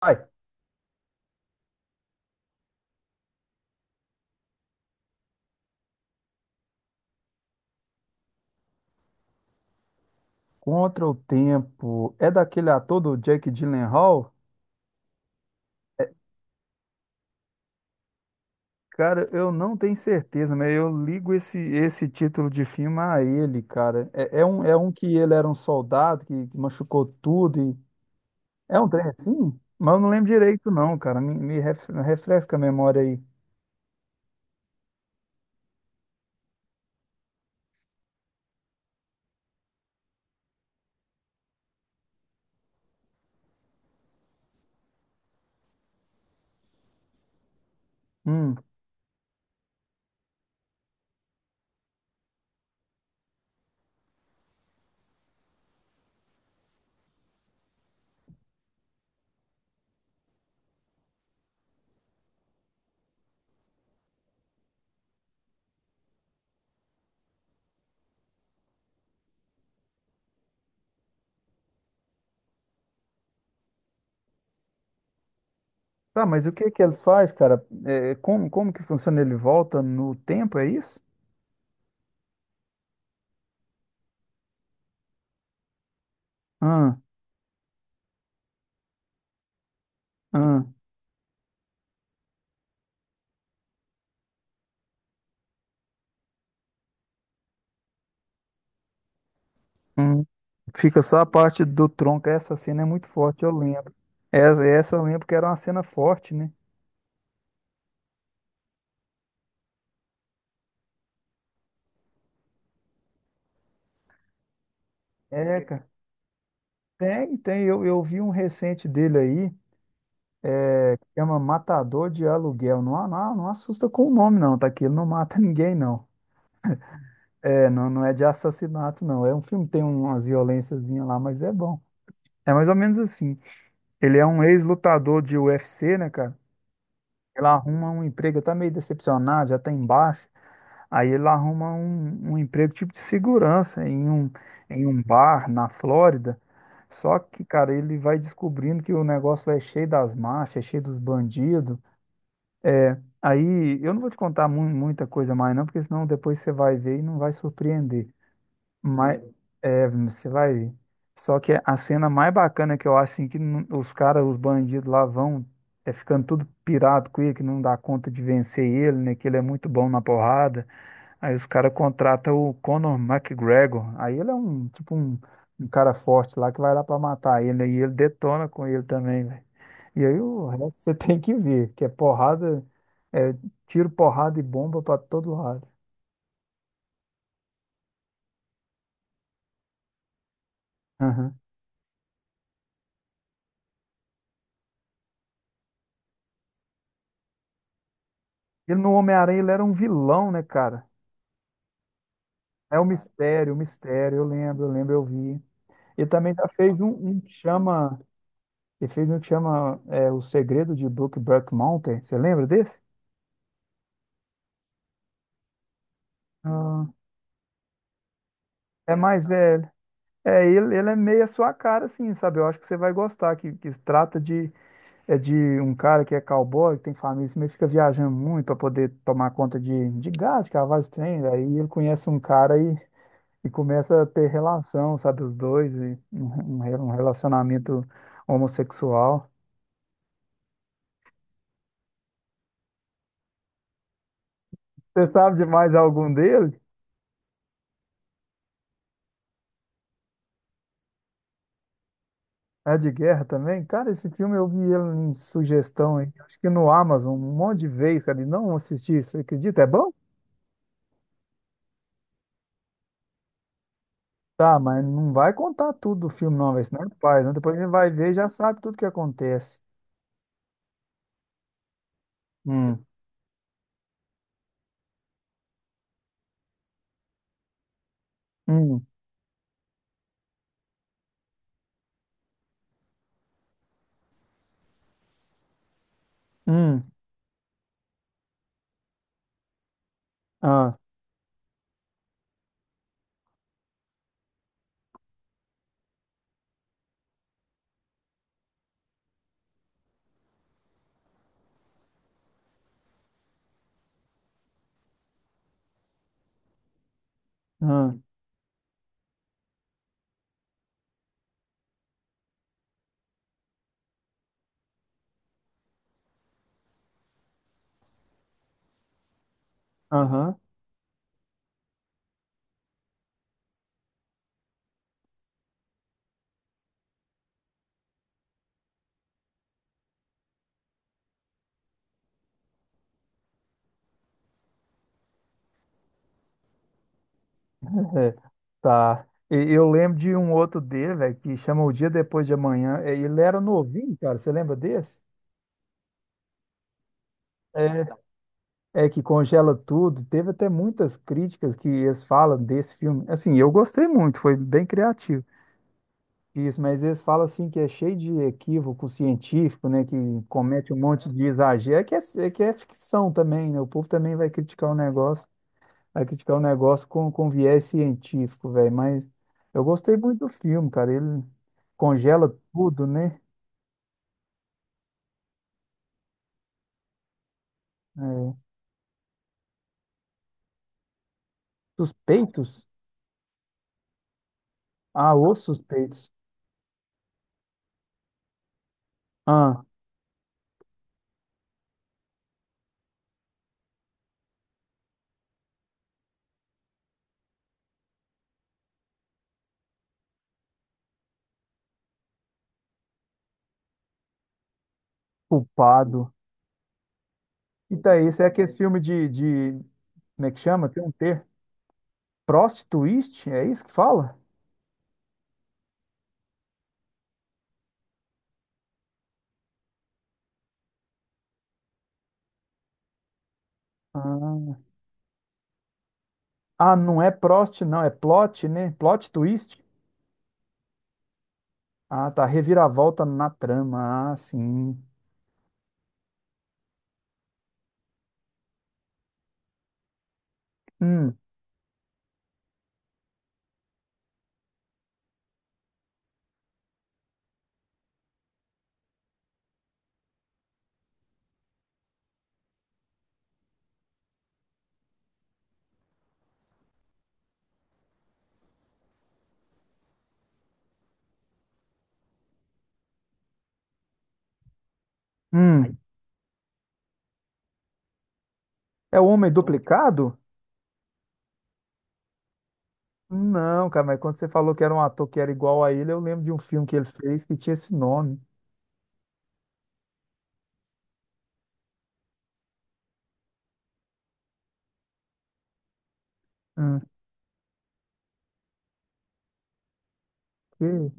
Ai, Contra o Tempo é daquele ator do Jake Gyllenhaal? Cara, eu não tenho certeza, mas eu ligo esse título de filme a ele, cara. É um que ele era um soldado que machucou tudo e... É um trem assim? Mas eu não lembro direito não, cara. Refresca a memória aí. Hum. Tá, mas o que que ele faz, cara? É, como que funciona? Ele volta no tempo, é isso? Ah, ah. Hum. Fica só a parte do tronco. Essa cena é muito forte, eu lembro. Essa eu lembro que era uma cena forte, né? É, cara. Tem, tem. Eu vi um recente dele aí, chama Matador de Aluguel. Não, assusta com o nome, não, tá? Que ele não mata ninguém, não. É, não, não é de assassinato, não. É um filme que tem umas violênciazinhas lá, mas é bom. É mais ou menos assim. Ele é um ex-lutador de UFC, né, cara? Ele arruma um emprego, tá meio decepcionado, já tá embaixo. Aí ele arruma um emprego tipo de segurança em um bar na Flórida. Só que, cara, ele vai descobrindo que o negócio lá é cheio das máfias, é cheio dos bandidos. Aí eu não vou te contar muita coisa mais, não, porque senão depois você vai ver e não vai surpreender. Mas é, você vai ver. Só que a cena mais bacana que eu acho assim, que não- os caras, os bandidos lá vão é ficando tudo pirado com ele, que não dá conta de vencer ele, né? Que ele é muito bom na porrada. Aí os caras contratam o Conor McGregor. Aí ele é um, tipo, um cara forte lá que vai lá pra matar ele. E ele detona com ele também, velho. E aí o resto você tem que ver, que é porrada, é tiro, porrada e bomba pra todo lado. Aham. Ele no Homem-Aranha, ele era um vilão, né, cara? É o mistério, eu lembro, eu lembro, eu vi. Ele também já fez um que chama, ele fez um que chama é, O Segredo de Brookback Mountain, você lembra desse? Ah, é mais velho. É, ele é meio a sua cara, assim, sabe? Eu acho que você vai gostar, que se trata de, é de um cara que é cowboy, que tem família, assim, mas fica viajando muito para poder tomar conta de gado, de cavalo, esse trem. Aí ele conhece um cara e começa a ter relação, sabe? Os dois, e um, um relacionamento homossexual. Você sabe de mais algum dele? É de guerra também? Cara, esse filme eu vi ele em sugestão, aí, acho que no Amazon, um monte de vezes, cara, e não assisti, você acredita? É bom? Tá, mas não vai contar tudo do filme, não, velho. Senão é pai, né? Depois a gente vai ver e já sabe tudo que acontece. Hum, hum, hum, ah, ah, aham, é, tá. E eu lembro de um outro dele, velho, que chama O Dia Depois de Amanhã. É, ele era novinho, cara. Você lembra desse? É, é que congela tudo. Teve até muitas críticas que eles falam desse filme. Assim, eu gostei muito, foi bem criativo. Isso, mas eles falam assim que é cheio de equívoco científico, né? Que comete um monte de exagero. É que é ficção também, né? O povo também vai criticar o negócio, vai criticar o negócio com viés científico, velho. Mas eu gostei muito do filme, cara. Ele congela tudo, né? É, Suspeitos? Ah, os suspeitos. Ah, culpado. E tá aí, esse é aquele filme de. Como é que chama? Tem um ter. Prostituiste? É isso que fala? Ah, Ah, não é Prost, não, é plot, né? Plot twist? Ah, tá. Reviravolta na trama. Ah, sim. Hum, hum. É o Homem Duplicado? Não, cara, mas quando você falou que era um ator que era igual a ele, eu lembro de um filme que ele fez que tinha esse nome. Hum, que-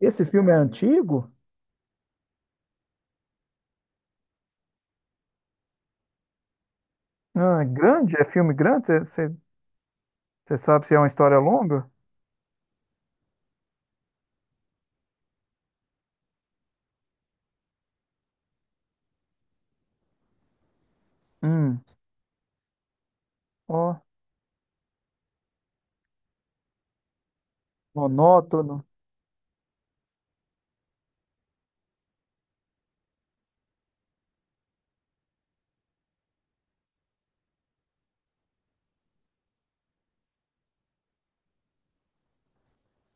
Esse filme é antigo? Ah, é grande? É filme grande? Você sabe se é uma história longa? Hum, ó, monótono.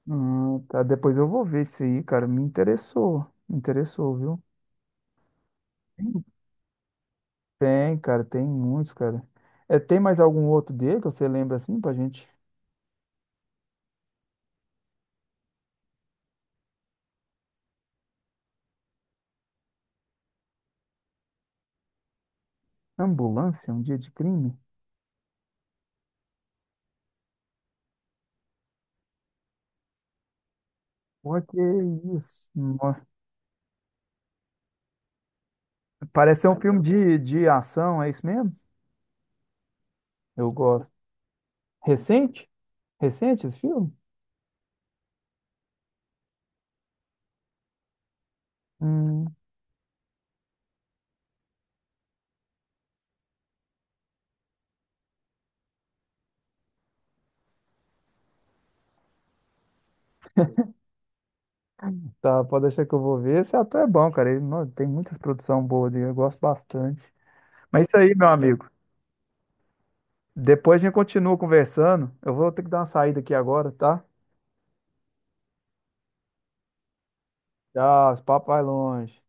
Tá, depois eu vou ver isso aí, cara. Me interessou. Me interessou, viu? Tem, cara, tem muitos, cara. É, tem mais algum outro dele que você lembra assim pra gente? Ambulância, um dia de crime? Pô, que isso? Nó- parece ser um filme de ação, é isso mesmo? Eu gosto. Recente? Recente esse filme? Hum, tá, pode deixar que eu vou ver. Esse ator é bom, cara. Ele, nó, tem muitas produções boas dele, eu gosto bastante. Mas é isso aí, meu amigo. Depois a gente continua conversando. Eu vou ter que dar uma saída aqui agora, tá? Tchau, esse papo vai longe.